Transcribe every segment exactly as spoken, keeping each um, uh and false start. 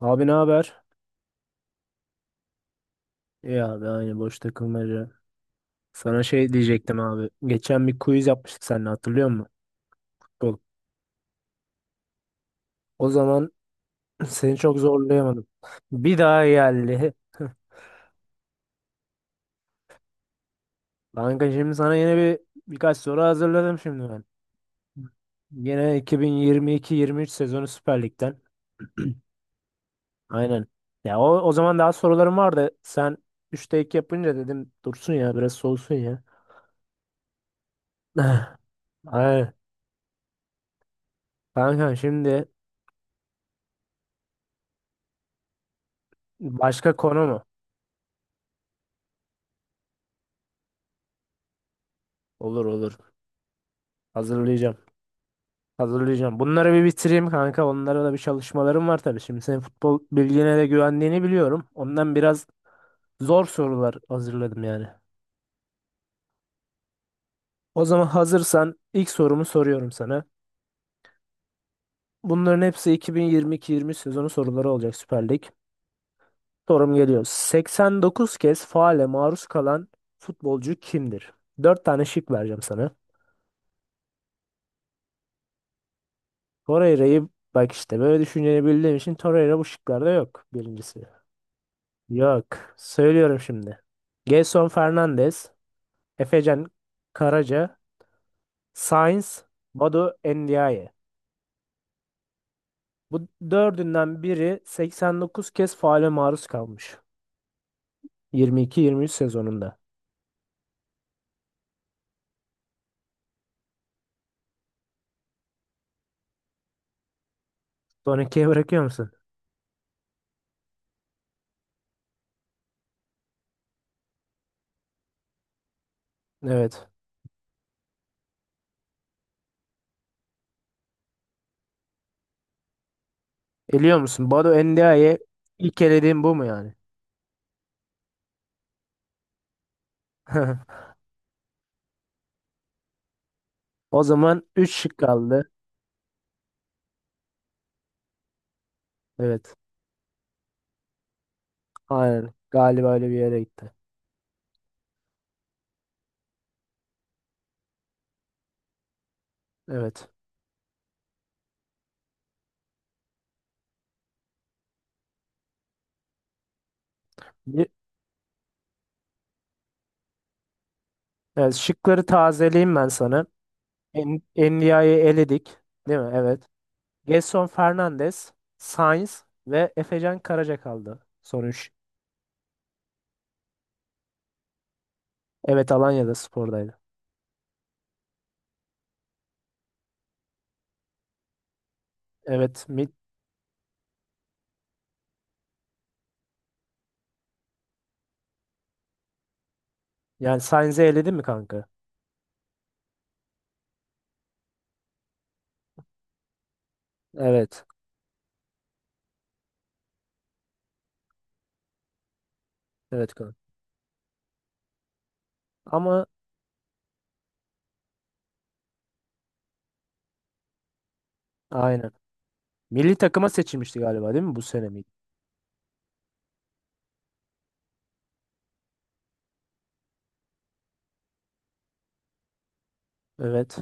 Abi ne haber? İyi abi aynı boş takılmaca. Sana şey diyecektim abi. Geçen bir quiz yapmıştık seninle, hatırlıyor musun? Futbol. O zaman seni çok zorlayamadım. Bir daha geldi. Kanka şimdi sana yine bir birkaç soru hazırladım şimdi ben. Yine iki bin yirmi iki-yirmi üç sezonu Süper Lig'den. Aynen. Ya o, o zaman daha sorularım vardı. Sen üçte iki yapınca dedim dursun ya, biraz soğusun ya. Aynen. Kanka şimdi başka konu mu? Olur olur. Hazırlayacağım. Hazırlayacağım. Bunları bir bitireyim kanka. Onlara da bir çalışmalarım var tabii. Şimdi senin futbol bilgine de güvendiğini biliyorum. Ondan biraz zor sorular hazırladım yani. O zaman hazırsan ilk sorumu soruyorum sana. Bunların hepsi iki bin yirmi iki-yirmi üç sezonu soruları olacak, Süper Lig. Sorum geliyor. seksen dokuz kez faale maruz kalan futbolcu kimdir? Dört tane şık vereceğim sana. Torreira'yı, bak işte böyle düşüneceğini bildiğim için Torreira bu şıklarda yok, birincisi. Yok. Söylüyorum şimdi. Gelson Fernandes, Efecan Karaca, Sainz, Badu Endiaye. Bu dördünden biri seksen dokuz kez faale maruz kalmış. yirmi iki yirmi üç sezonunda. Son ikiye bırakıyor musun? Evet. Eliyor musun? Badu Endiaye ilk elediğin bu mu yani? O zaman üç şık kaldı. Evet. Aynen. Galiba öyle bir yere gitti. Evet. Bir- Evet, şıkları tazeleyeyim ben sana. En- Endia'yı eledik. Değil mi? Evet. Gelson Fernandes, Sainz ve Efecan Karaca kaldı. Son üç. Evet, Alanya'da spordaydı. Evet. Mid, yani Sainz'i eledin mi kanka? Evet. Evet kanka. Ama aynen. Milli takıma seçilmişti galiba, değil mi, bu sene mi? Evet.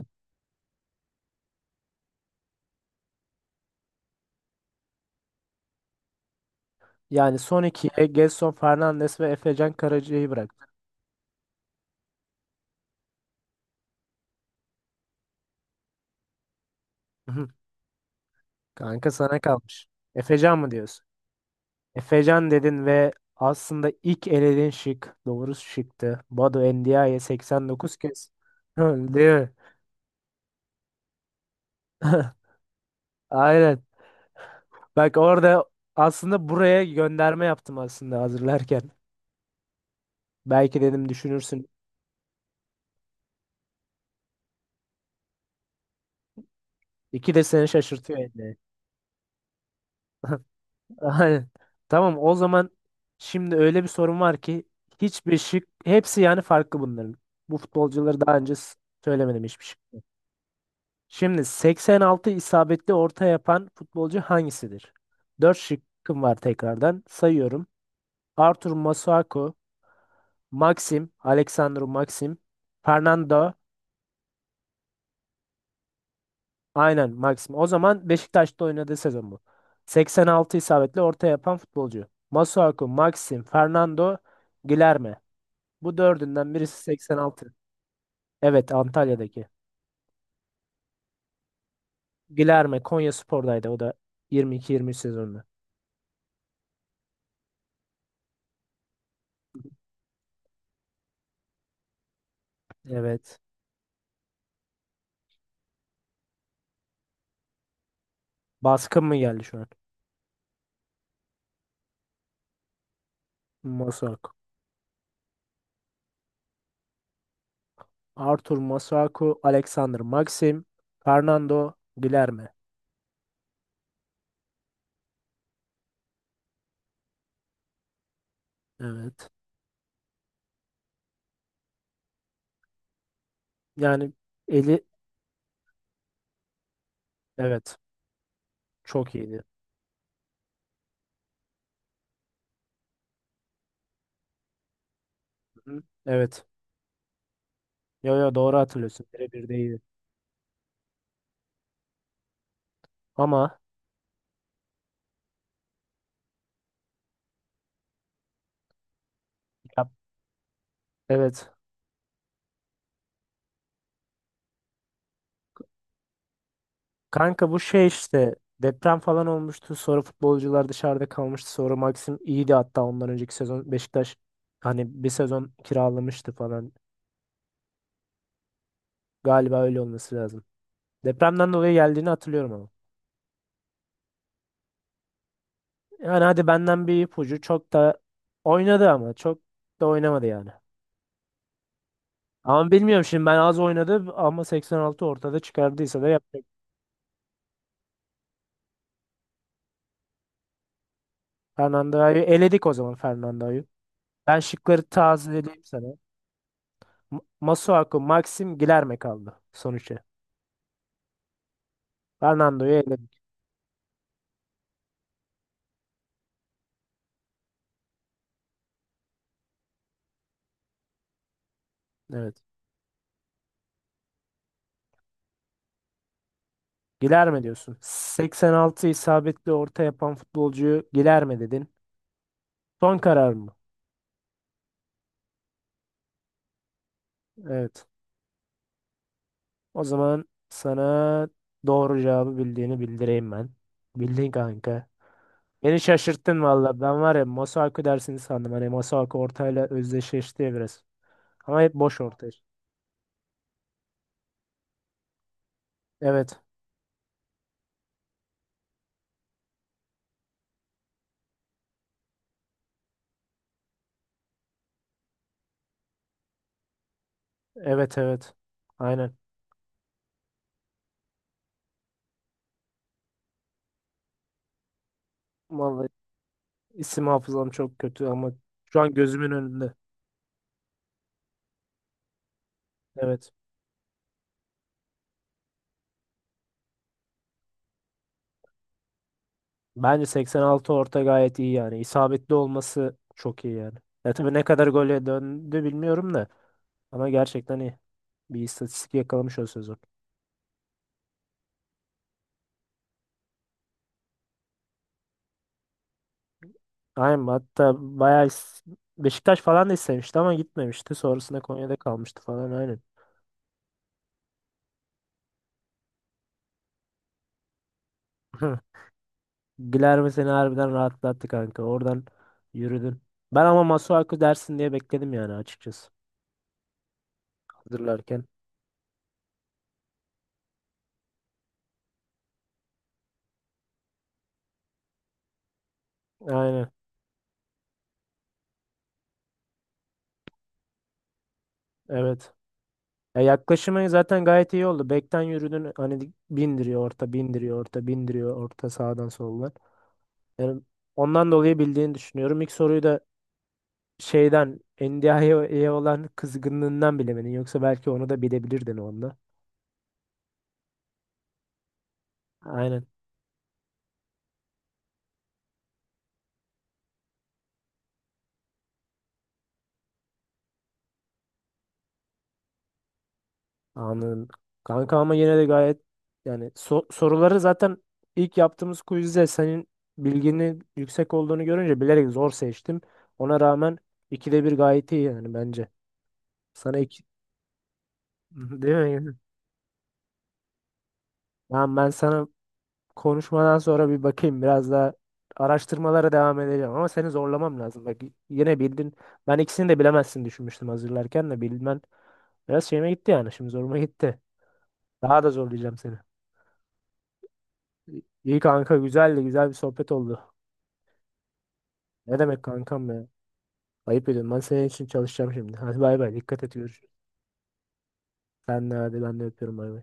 Yani son ikiye Gelson Fernandes ve Efecan Karaca'yı bıraktı. Kanka sana kalmış. Efecan mı diyorsun? Efecan dedin ve aslında ilk elediğin şık doğru şıktı. Badu Endiaye seksen dokuz kez. Değil mi? Aynen. Bak orada aslında buraya gönderme yaptım aslında hazırlarken. Belki dedim düşünürsün. İki de seni şaşırtıyor yani. Aynen. Tamam, o zaman şimdi öyle bir sorun var ki hiçbir şık, hepsi yani farklı bunların. Bu futbolcuları daha önce s- söylemedim, hiçbir şık. Şimdi seksen altı isabetli orta yapan futbolcu hangisidir? Dört şıkkım var tekrardan. Sayıyorum. Arthur Masuaku, Maxim, Alexandru Maxim, Fernando. Aynen Maxim. O zaman Beşiktaş'ta oynadığı sezon bu. seksen altı isabetli orta yapan futbolcu. Masuaku, Maxim, Fernando, Guilherme. Bu dördünden birisi seksen altı. Evet, Antalya'daki. Guilherme Konyaspor'daydı o da, yirmi iki yirmi üç sezonunda. Evet. Baskın mı geldi şu an? Masuaku. Arthur Masuaku, Alexander Maxim, Fernando Guilherme. Evet. Yani eli evet çok iyiydi. Hı. Evet. Yo yo, doğru hatırlıyorsun. Birebir değildi. Ama ya, evet. Kanka bu şey işte, deprem falan olmuştu. Sonra futbolcular dışarıda kalmıştı. Sonra Maxim iyiydi, hatta ondan önceki sezon Beşiktaş hani bir sezon kiralamıştı falan. Galiba öyle olması lazım. Depremden dolayı geldiğini hatırlıyorum ama. Yani hadi, benden bir ipucu. Çok da oynadı ama çok da oynamadı yani. Ama bilmiyorum şimdi, ben az oynadı ama seksen altı ortada çıkardıysa da yapacak. Fernando'yu eledik o zaman, Fernando'yu. Ben şıkları tazeleyeyim sana. Ma- Masuaku, Maxim, Gilerme kaldı sonuçta. Fernando'yu eledik. Evet. Gilerme diyorsun. seksen altı isabetli orta yapan futbolcuyu Gilerme dedin. Son karar mı? Evet. O zaman sana doğru cevabı bildiğini bildireyim ben. Bildin kanka. Beni şaşırttın valla. Ben var ya, Masuaku dersini sandım. Hani Masuaku ortayla özdeşleşti ya biraz. Ama hep boş ortaya. Evet. Evet evet. Aynen. Vallahi isim hafızam çok kötü ama şu an gözümün önünde. Evet. Bence seksen altı orta gayet iyi yani. İsabetli olması çok iyi yani. Ya tabii ne kadar gole döndü bilmiyorum da. Ama gerçekten iyi. Bir istatistik yakalamış o sezon. Aynen, hatta bayağı is- Beşiktaş falan da istemişti ama gitmemişti. Sonrasında Konya'da kalmıştı falan, aynen. Heh. Guilherme seni harbiden rahatlattı kanka. Oradan yürüdün. Ben ama Masuaku dersin diye bekledim yani, açıkçası. Hazırlarken. Aynen. Evet. Ya yaklaşımı zaten gayet iyi oldu. Bekten yürüdün hani, bindiriyor orta, bindiriyor orta, bindiriyor orta, sağdan soldan. Yani ondan dolayı bildiğini düşünüyorum. İlk soruyu da şeyden, N D I'ye olan kızgınlığından bilemedin. Yoksa belki onu da bilebilirdin onda. Aynen. Anladım. Kanka ama yine de gayet yani, so- soruları zaten ilk yaptığımız quizde senin bilginin yüksek olduğunu görünce bilerek zor seçtim. Ona rağmen ikide bir gayet iyi yani bence. Sana iki değil mi? Ben, ben sana konuşmadan sonra bir bakayım, biraz daha araştırmalara devam edeceğim ama seni zorlamam lazım. Bak yine bildin. Ben ikisini de bilemezsin düşünmüştüm, hazırlarken de bilmen biraz şeyime gitti yani, şimdi zoruma gitti. Daha da zorlayacağım seni. İyi kanka, güzeldi, güzel bir sohbet oldu. Ne demek kankam be? Ayıp ediyorum. Ben senin için çalışacağım şimdi. Hadi bay bay. Dikkat et, görüşürüz. Sen de hadi, ben de öpüyorum, bay bay.